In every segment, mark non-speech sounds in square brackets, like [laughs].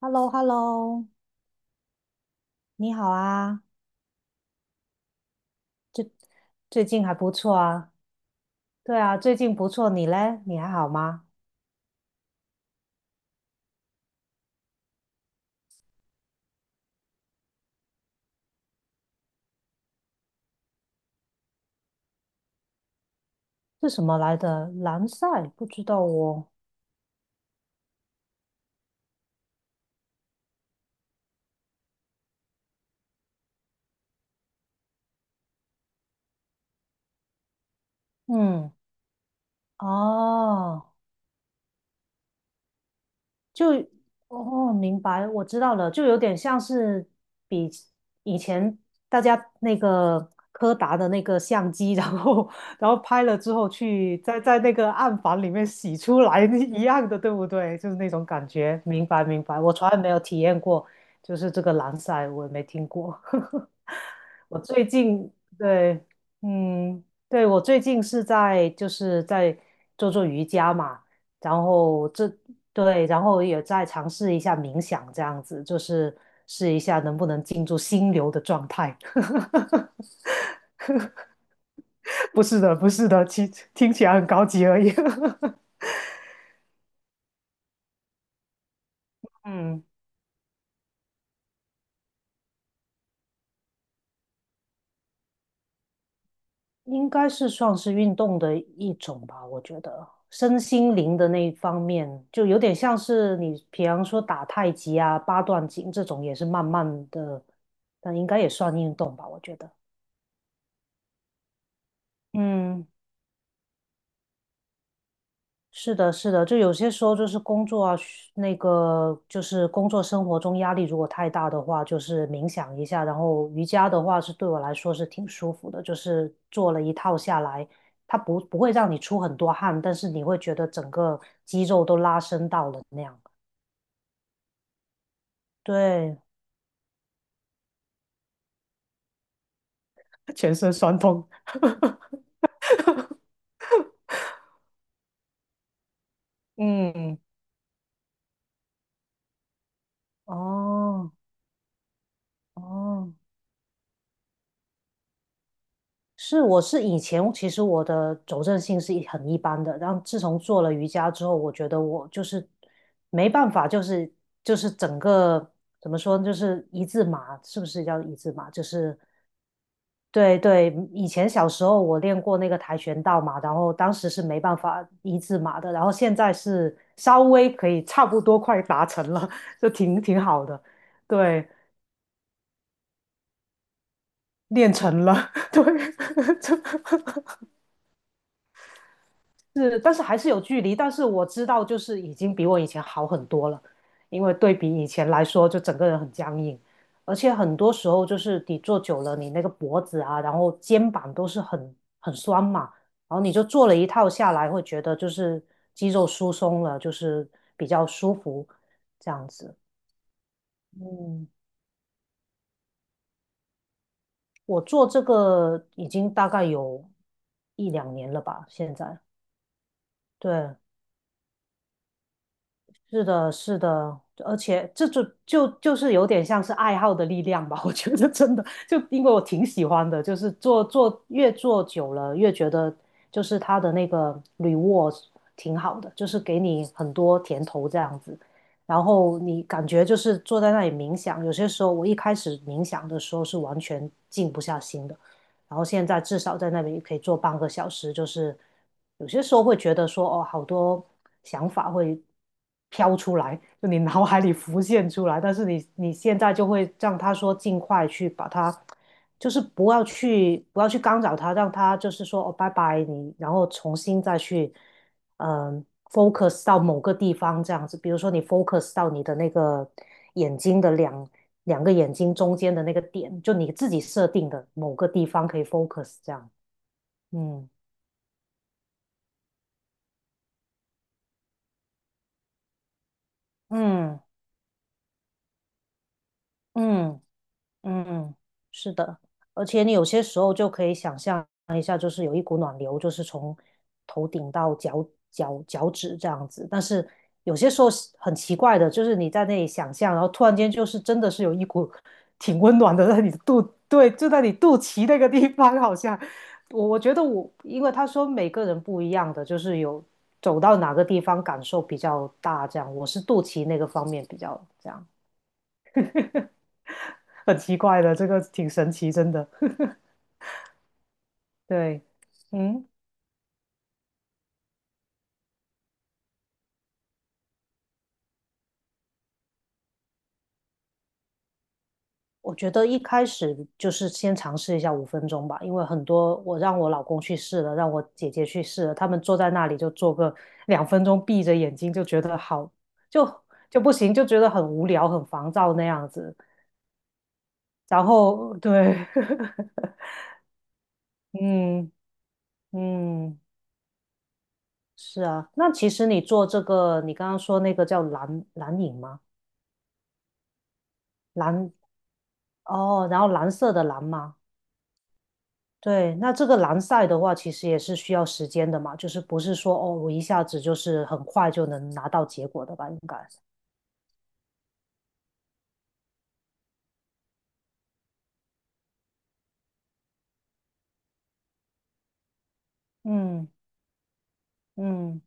h e l l o h e l l o 你好啊，最近还不错啊。对啊，最近不错，你嘞？你还好吗？是什么来的？蓝赛？不知道哦。嗯，哦，就哦，明白，我知道了，就有点像是比以前大家那个柯达的那个相机，[laughs] 然后拍了之后去在那个暗房里面洗出来 [laughs] 一样的，对不对？就是那种感觉。明白，明白，我从来没有体验过，就是这个蓝晒，我也没听过。[laughs] 我最近对，嗯，对，我最近是在就是在做做瑜伽嘛。然后这对，然后也再尝试一下冥想，这样子就是试一下能不能进入心流的状态。[laughs] 不是的，不是的，听起来很高级而已。[laughs] 嗯，应该是算是运动的一种吧，我觉得身心灵的那一方面，就有点像是你，比方说打太极啊、八段锦这种，也是慢慢的，但应该也算运动吧，我觉得。嗯。是的，是的，就有些时候就是工作啊，嘘那个就是工作生活中压力如果太大的话，就是冥想一下，然后瑜伽的话是对我来说是挺舒服的，就是做了一套下来，它不会让你出很多汗，但是你会觉得整个肌肉都拉伸到了那样。对，全身酸痛。嗯，哦，哦。是，我是以前其实我的走韧性是一很一般的，然后自从做了瑜伽之后，我觉得我就是没办法，就是整个怎么说呢，就是一字马，是不是叫一字马？就是对对，以前小时候我练过那个跆拳道嘛，然后当时是没办法一字马的，然后现在是稍微可以差不多快达成了，就挺好的，对，练成了，[laughs] 对，[laughs] 是，但是还是有距离。但是我知道，就是已经比我以前好很多了，因为对比以前来说，就整个人很僵硬，而且很多时候就是你坐久了，你那个脖子啊，然后肩膀都是很酸嘛，然后你就做了一套下来，会觉得就是肌肉疏松了，就是比较舒服这样子。嗯，我做这个已经大概有一两年了吧，现在。对，是的，是的，而且这就是有点像是爱好的力量吧，[laughs] 我觉得真的，就因为我挺喜欢的，就是做做越做久了，越觉得就是它的那个 reward 挺好的，就是给你很多甜头这样子，然后你感觉就是坐在那里冥想，有些时候我一开始冥想的时候是完全静不下心的，然后现在至少在那边可以做半个小时，就是有些时候会觉得说，哦，好多想法会飘出来，就你脑海里浮现出来，但是你现在就会让他说尽快去把它，就是不要去干扰他，让他就是说哦拜拜你，然后重新再去嗯 focus 到某个地方这样子，比如说你 focus 到你的那个眼睛的两个眼睛中间的那个点，就你自己设定的某个地方可以 focus 这样。嗯嗯嗯。嗯，是的，而且你有些时候就可以想象一下，就是有一股暖流，就是从头顶到脚趾这样子。但是有些时候是很奇怪的，就是你在那里想象，然后突然间就是真的是有一股 [laughs] 挺温暖的在你的肚，对，就在你肚脐那个地方，好像我觉得我，因为他说每个人不一样的，就是有走到哪个地方感受比较大，这样我是肚脐那个方面比较这样，很奇怪的，这个挺神奇，真的。[laughs] 对，嗯，我觉得一开始就是先尝试一下5分钟吧，因为很多我让我老公去试了，让我姐姐去试了，他们坐在那里就做个2分钟，闭着眼睛就觉得好，就就不行，就觉得很无聊、很烦躁那样子。然后对，[laughs] 嗯嗯，是啊。那其实你做这个，你刚刚说那个叫蓝影吗？蓝哦，然后蓝色的蓝吗？对，那这个蓝赛的话，其实也是需要时间的嘛，就是不是说哦，我一下子就是很快就能拿到结果的吧？应该，嗯嗯，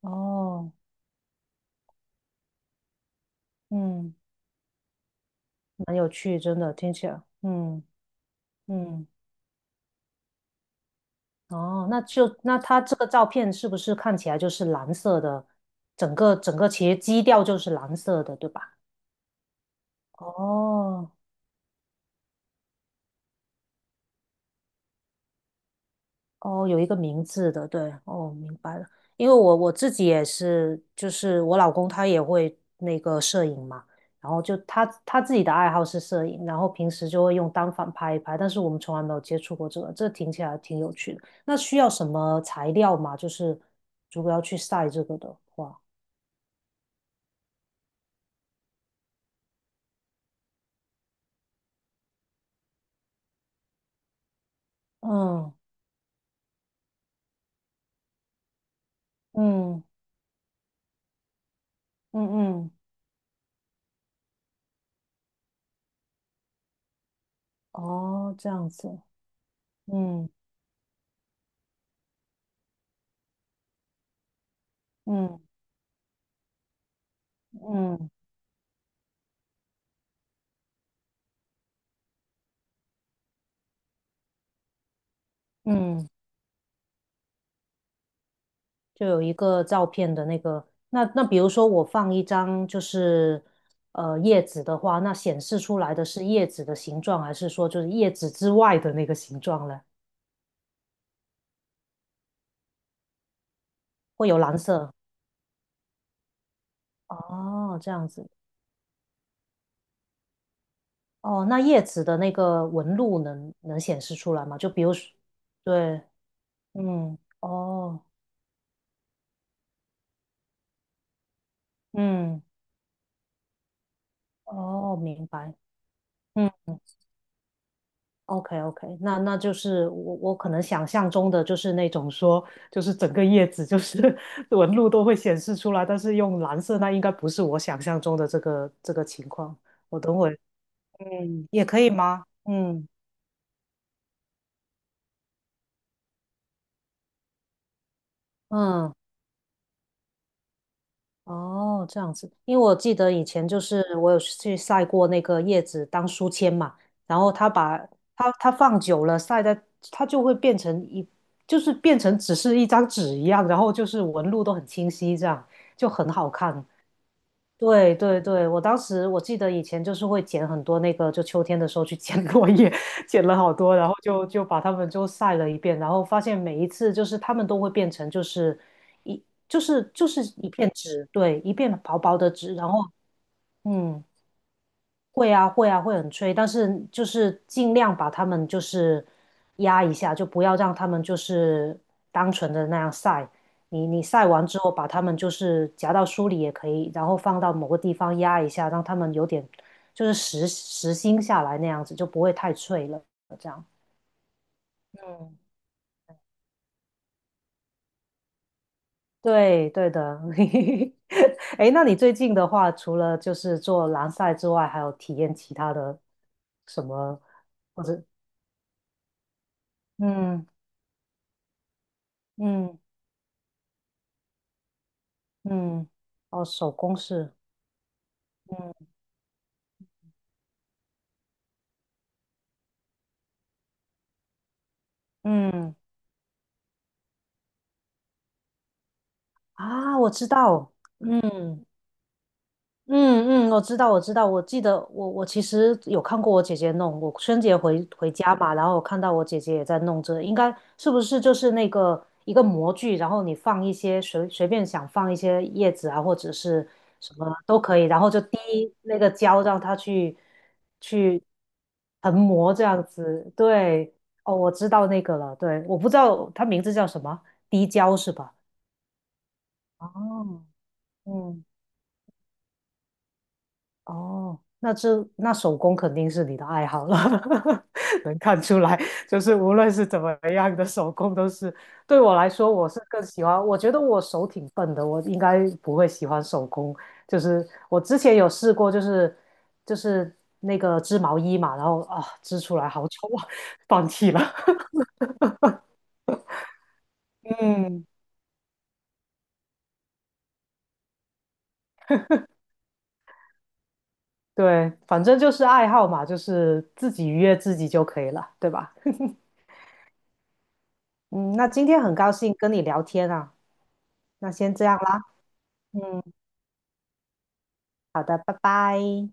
哦，嗯，蛮有趣，真的听起来，嗯嗯，哦，那就那它这个照片是不是看起来就是蓝色的？整个其实基调就是蓝色的，对吧？哦哦，有一个名字的，对，哦，明白了。因为我自己也是，就是我老公他也会那个摄影嘛，然后就他自己的爱好是摄影，然后平时就会用单反拍一拍，但是我们从来没有接触过这个，这听起来挺有趣的。那需要什么材料吗？就是如果要去晒这个的话，嗯嗯嗯嗯，哦，这样子，嗯嗯嗯嗯。就有一个照片的那个，那比如说我放一张就是呃叶子的话，那显示出来的是叶子的形状，还是说就是叶子之外的那个形状呢？会有蓝色。哦，这样子。哦，那叶子的那个纹路能显示出来吗？就比如说，对，嗯，哦，嗯，哦，明白。嗯。OK OK，那就是我可能想象中的就是那种说，就是整个叶子就是 [laughs] 纹路都会显示出来，但是用蓝色那应该不是我想象中的这个情况。我等会，嗯，也可以吗？嗯嗯。哦，这样子，因为我记得以前就是我有去晒过那个叶子当书签嘛，然后它把它放久了晒在，它就会变成一，就是变成只是一张纸一样，然后就是纹路都很清晰，这样就很好看。对对对，我当时我记得以前就是会捡很多那个，就秋天的时候去 [laughs] 捡落叶，[laughs] 捡了好多，然后就把它们就晒了一遍，然后发现每一次就是它们都会变成就是一就是一片纸，对，一片薄薄的纸，然后嗯会啊，会啊，会很催，但是就是尽量把他们就是压一下，就不要让他们就是单纯的那样晒。你晒完之后，把他们就是夹到书里也可以，然后放到某个地方压一下，让他们有点就是实心下来那样子，就不会太脆了。这样，嗯，对对的。[laughs] 哎那你最近的话，除了就是做蓝晒之外，还有体验其他的什么，或者嗯嗯。嗯，哦，手工是，嗯嗯啊，我知道，嗯，嗯嗯，我知道，我知道，我记得我其实有看过我姐姐弄，我春节回家嘛，然后我看到我姐姐也在弄这，应该是不是就是那个一个模具，然后你放一些随便想放一些叶子啊，或者是什么都可以，然后就滴那个胶让它去横膜这样子，对，哦，我知道那个了，对，我不知道它名字叫什么，滴胶是吧？哦，嗯。哦，那这那手工肯定是你的爱好了，[laughs] 能看出来，就是无论是怎么样的手工都是，对我来说，我是更喜欢，我觉得我手挺笨的，我应该不会喜欢手工，就是我之前有试过，就是那个织毛衣嘛，然后啊织出来好丑啊，放弃了。[laughs] 嗯，对，反正就是爱好嘛，就是自己愉悦自己就可以了，对吧？[laughs] 嗯，那今天很高兴跟你聊天啊，那先这样啦。嗯，好的，拜拜。